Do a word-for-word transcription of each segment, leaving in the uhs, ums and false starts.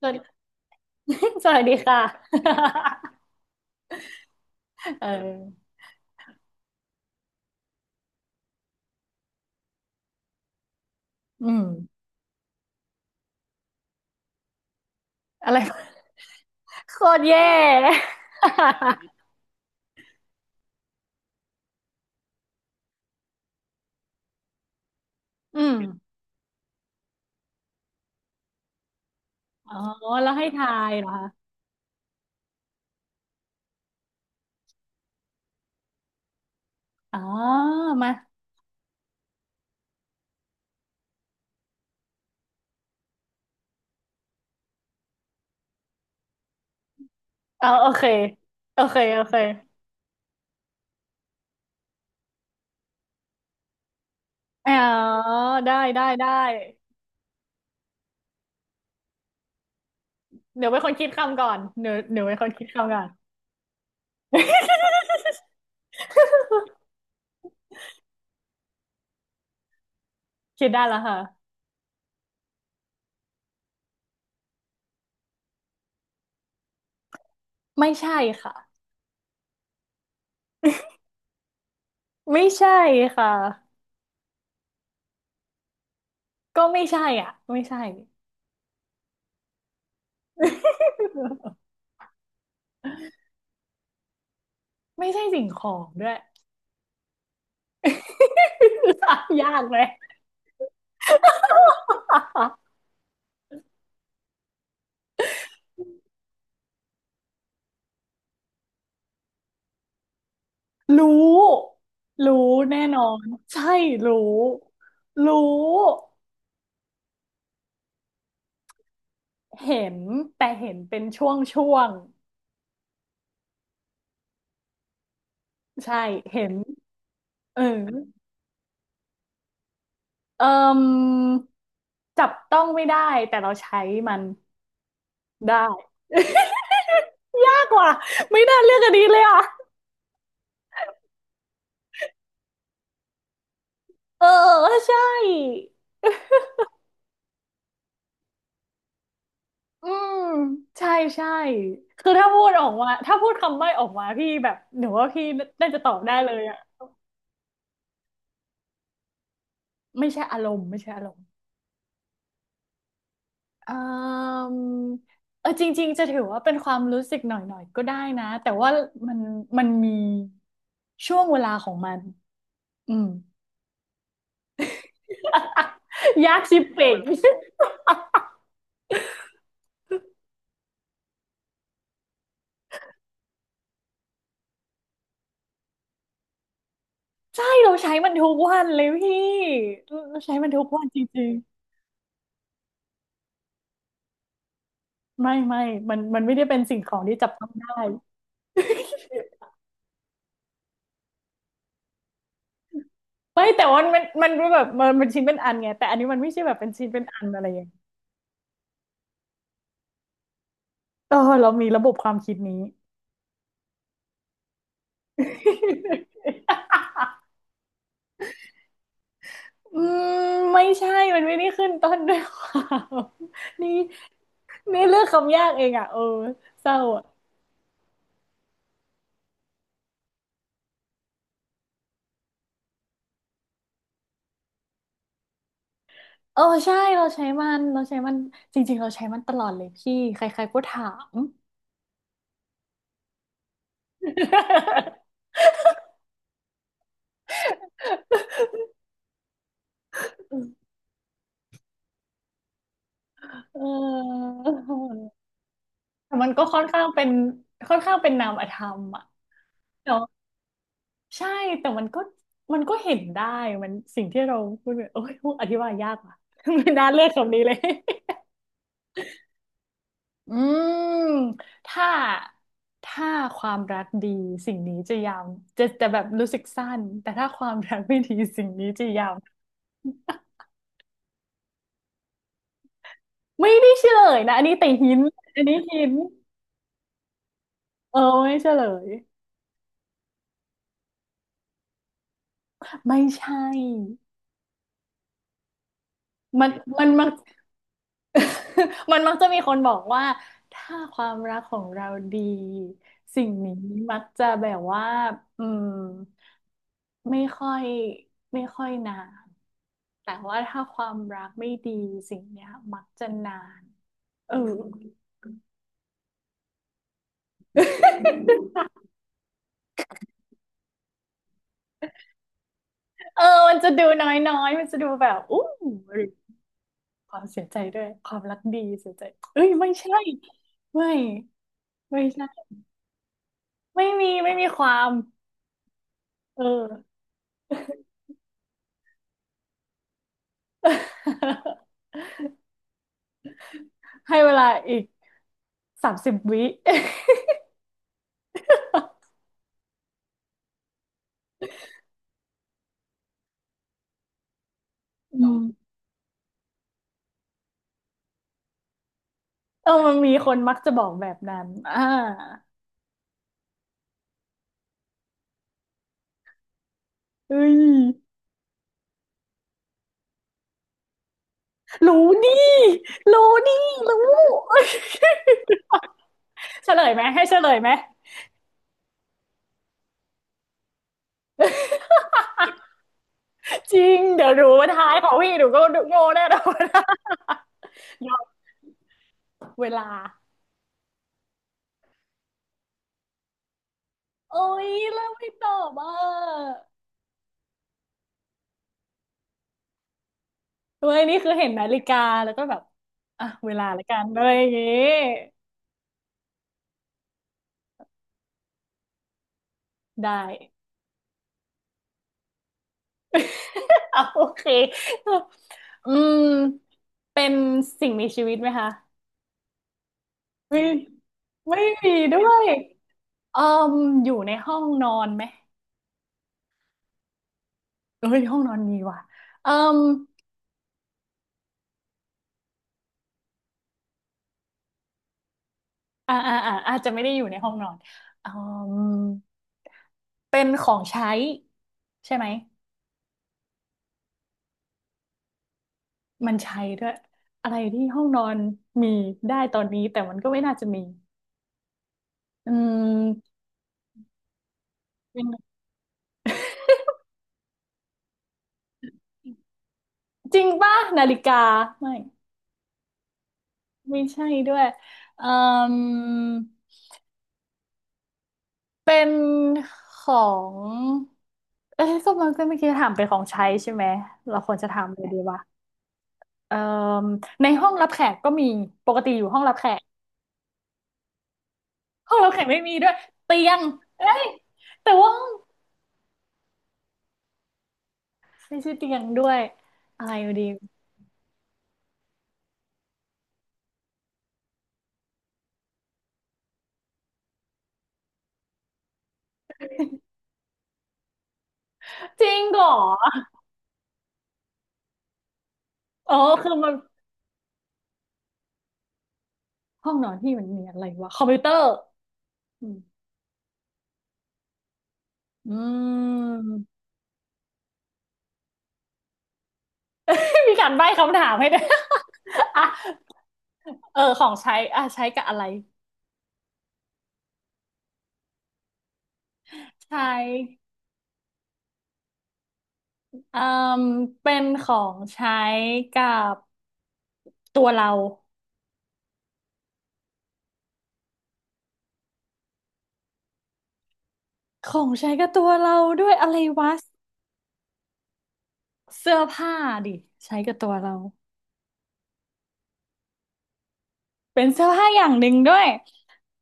สวัสดี สวัสดีค่ะ เอออืมอะไร โคตรแย่ อืมอ๋อแล้วให้ทายเหรอคะอ๋อมาเอาโอเคโอเคโอเคอ๋อได้ได้ได้ เดี๋ยวเป็นคนคิดคำก่อนเดี๋ยวเดี๋ยวเป็นคนคิดคำก่อน คิดได้แล้วค่ะไม่ใช่ค่ะไม่ใช่ค่ะก็ไม่ใช่อ่ะ ไม่ใช่ ไม่ใช่สิ่งของด้วย ยากไหม รู้รู้แน่นอนใช่รู้รู้เห็นแต่เห็นเป็นช่วงช่วงใช่เห็นเออเอิ่มจับต้องไม่ได้แต่เราใช้มันได้ มากกว่าไม่น่าเลือกอันนี้เลยอ่ะเออใช่ อืมใช่ใช่คือถ้าพูดออกมาถ้าพูดคำใบ้ออกมาพี่แบบหนูว่าพี่น่าจะตอบได้เลยอ่ะไม่ใช่อารมณ์ไม่ใช่อารมณ์อืมเออจริงๆจะถือว่าเป็นความรู้สึกหน่อยๆก็ได้นะแต่ว่ามันมันมีช่วงเวลาของมันอืม ยากชิบเป่ง ใช่เราใช้มันทุกวันเลยพี่เราใช้มันทุกวันจริงๆไม่ไม่มันมันไม่ได้เป็นสิ่งของที่จับต้องได้ ไม่แต่ว่ามันมันมันแบบมันเป็นชิ้นเป็นอันไงแต่อันนี้มันไม่ใช่แบบเป็นชิ้นเป็นอันอะไรอย่างเงี้ยเออเรามีระบบความคิดนี้ อืมไม่ใช่มันไม่ได้ขึ้นต้นด้วยความ นี่นี่เลือกคำยากเองอ่ะเออเศร้าอ่ะเออใช่เราใช้มันเราใช้มันจริงๆเราใช้มันตลอดเลยพี่ใครๆก็ถาม เออแต่มันก็ค่อนข้างเป็นค่อนข้างเป็นนามธรรมอ่ะ ใช่แต่มันก็มันก็เห็นได้มันสิ่งที่เราพูดเนี่ยโอ้ยพูดอธิบายยากว่ะ ไม่น่าเลือกคำนี้เลย อืมถ้าถ้าความรักดีสิ่งนี้จะยาวจะจะแบบรู้สึกสั้นแต่ถ้าความรักไม่ดีสิ่งนี้จะยาวไม่ได้เฉลยนะอันนี้แต่หินอันนี้หินเออไม่เฉลยไม่ใช่มันมันมัน มันมักจะมีคนบอกว่าถ้าความรักของเราดีสิ่งนี้มักจะแบบว่าอืมไม่ค่อยไม่ค่อยนานแต่ว่าถ้าความรักไม่ดีสิ่งเนี้ยมักจะนานเออเออมันจะดูน้อยๆมันจะดูแบบอู้หรือความเสียใจด้วยความรักดีเสียใจเอ้ยไม่ใช่ไม่ไม่ใช่ไม่มีไม่มีความเออ ให้เวลาอีก สามสิบวิ อืมเออมันมีคนมักจะบอกแบบนั้นอ่าเอ้ยรู้นี่รู้นี่รู้ เฉลยไหมให้เฉลยไหมจริง เดี๋ยวรู้ว่าท้ายของพี่หนูก็โง่แน่นอนยอมเวลาโอ้ยแล้วไม่ตอบอ่ะเว้ยนี่คือเห็นนาฬิกาแล้วก็แบบอ่ะเวลาละกันเลยอย่างงี้ได้ เอะโอเคอืมเป็นสิ่งมีชีวิตไหมคะไม่ไม่มีด้วยเอ่มอยู่ในห้องนอนไหมเอ้ยห้องนอนมีว่ะเอ่มอ่าอ่าอ่าอาจจะไม่ได้อยู่ในห้องนอนเอ่มเป็นของใช้ใช่ไหมมันใช้ด้วยอะไรที่ห้องนอนมีได้ตอนนี้แต่มันก็ไม่น่าจะมีอืมเป็นจริงป่ะนาฬิกาไม่ ไม่ใช่ด้วยเอ่มเป็นของเอ๊ะก็มันก็เมื่อกี้ถามเป็นของใช้ใช่ไหมเราควรจะถามเลยดีวะเอ่มในห้องรับแขกก็มีปกติอยู่ห้องรับแขกห้องรับแขกไม่มีด้วยเตียงเอ้ยแต่ว่าห้องไม่ใช่เตียงด้วยอะไรอยู่ดีจริงเหรออ๋อคือมันห้องนอนที่มันมีอะไรวะ คอมพิวเตอร์อืม อืม มีการใบ้คำถามให้ด้วย อ่ะเออของใช้อ่ะใช้กับอะไร ใช้เอ่มเป็นของใช้กับตัวเราของใช้กับตัวเราด้วยอะไรวะเสื้อผ้าดิใช้กับตัวเราเป็นเสื้อผ้าอย่างหนึ่งด้วย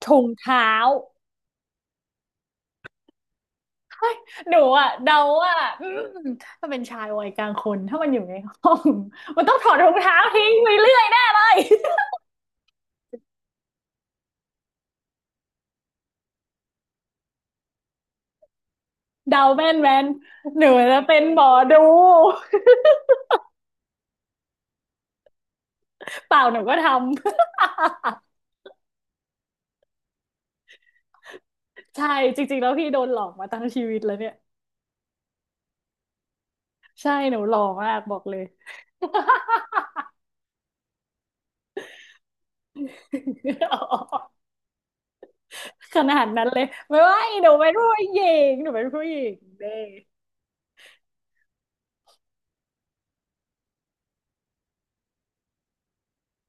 ถุงเท้าหนูอะเดาว่าอืมถ้าเป็นชายวัยกลางคน ถ้ามันอยู่ในห้อง มันต้องถอดรองเท้าทิ้งไปเรื่อยแน่เลย เดาแม่นแม่นหนูจะเป็นหมอดู เปล่าหนูก็ทำ ใช่ จริงๆแล้วพี่โดนหลอกมาตั้งชีวิตแล้วเนี่ย ใช่หนูหล่อมากบอกเลย อ๋อขนาดนั้นเลยไม่ว่าอีหนูเป็นผู้หญิงหนูเป็นผู้หญิงเด้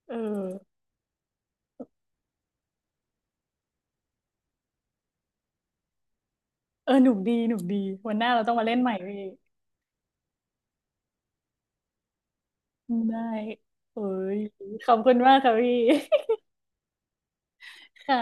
เออเออหนุ่มดีหนุ่มดีวันหน้าเราต้องมาเล่นใหม่พี่ได้เอ้ยขอบคุณมากค่ะพี่ ค่ะ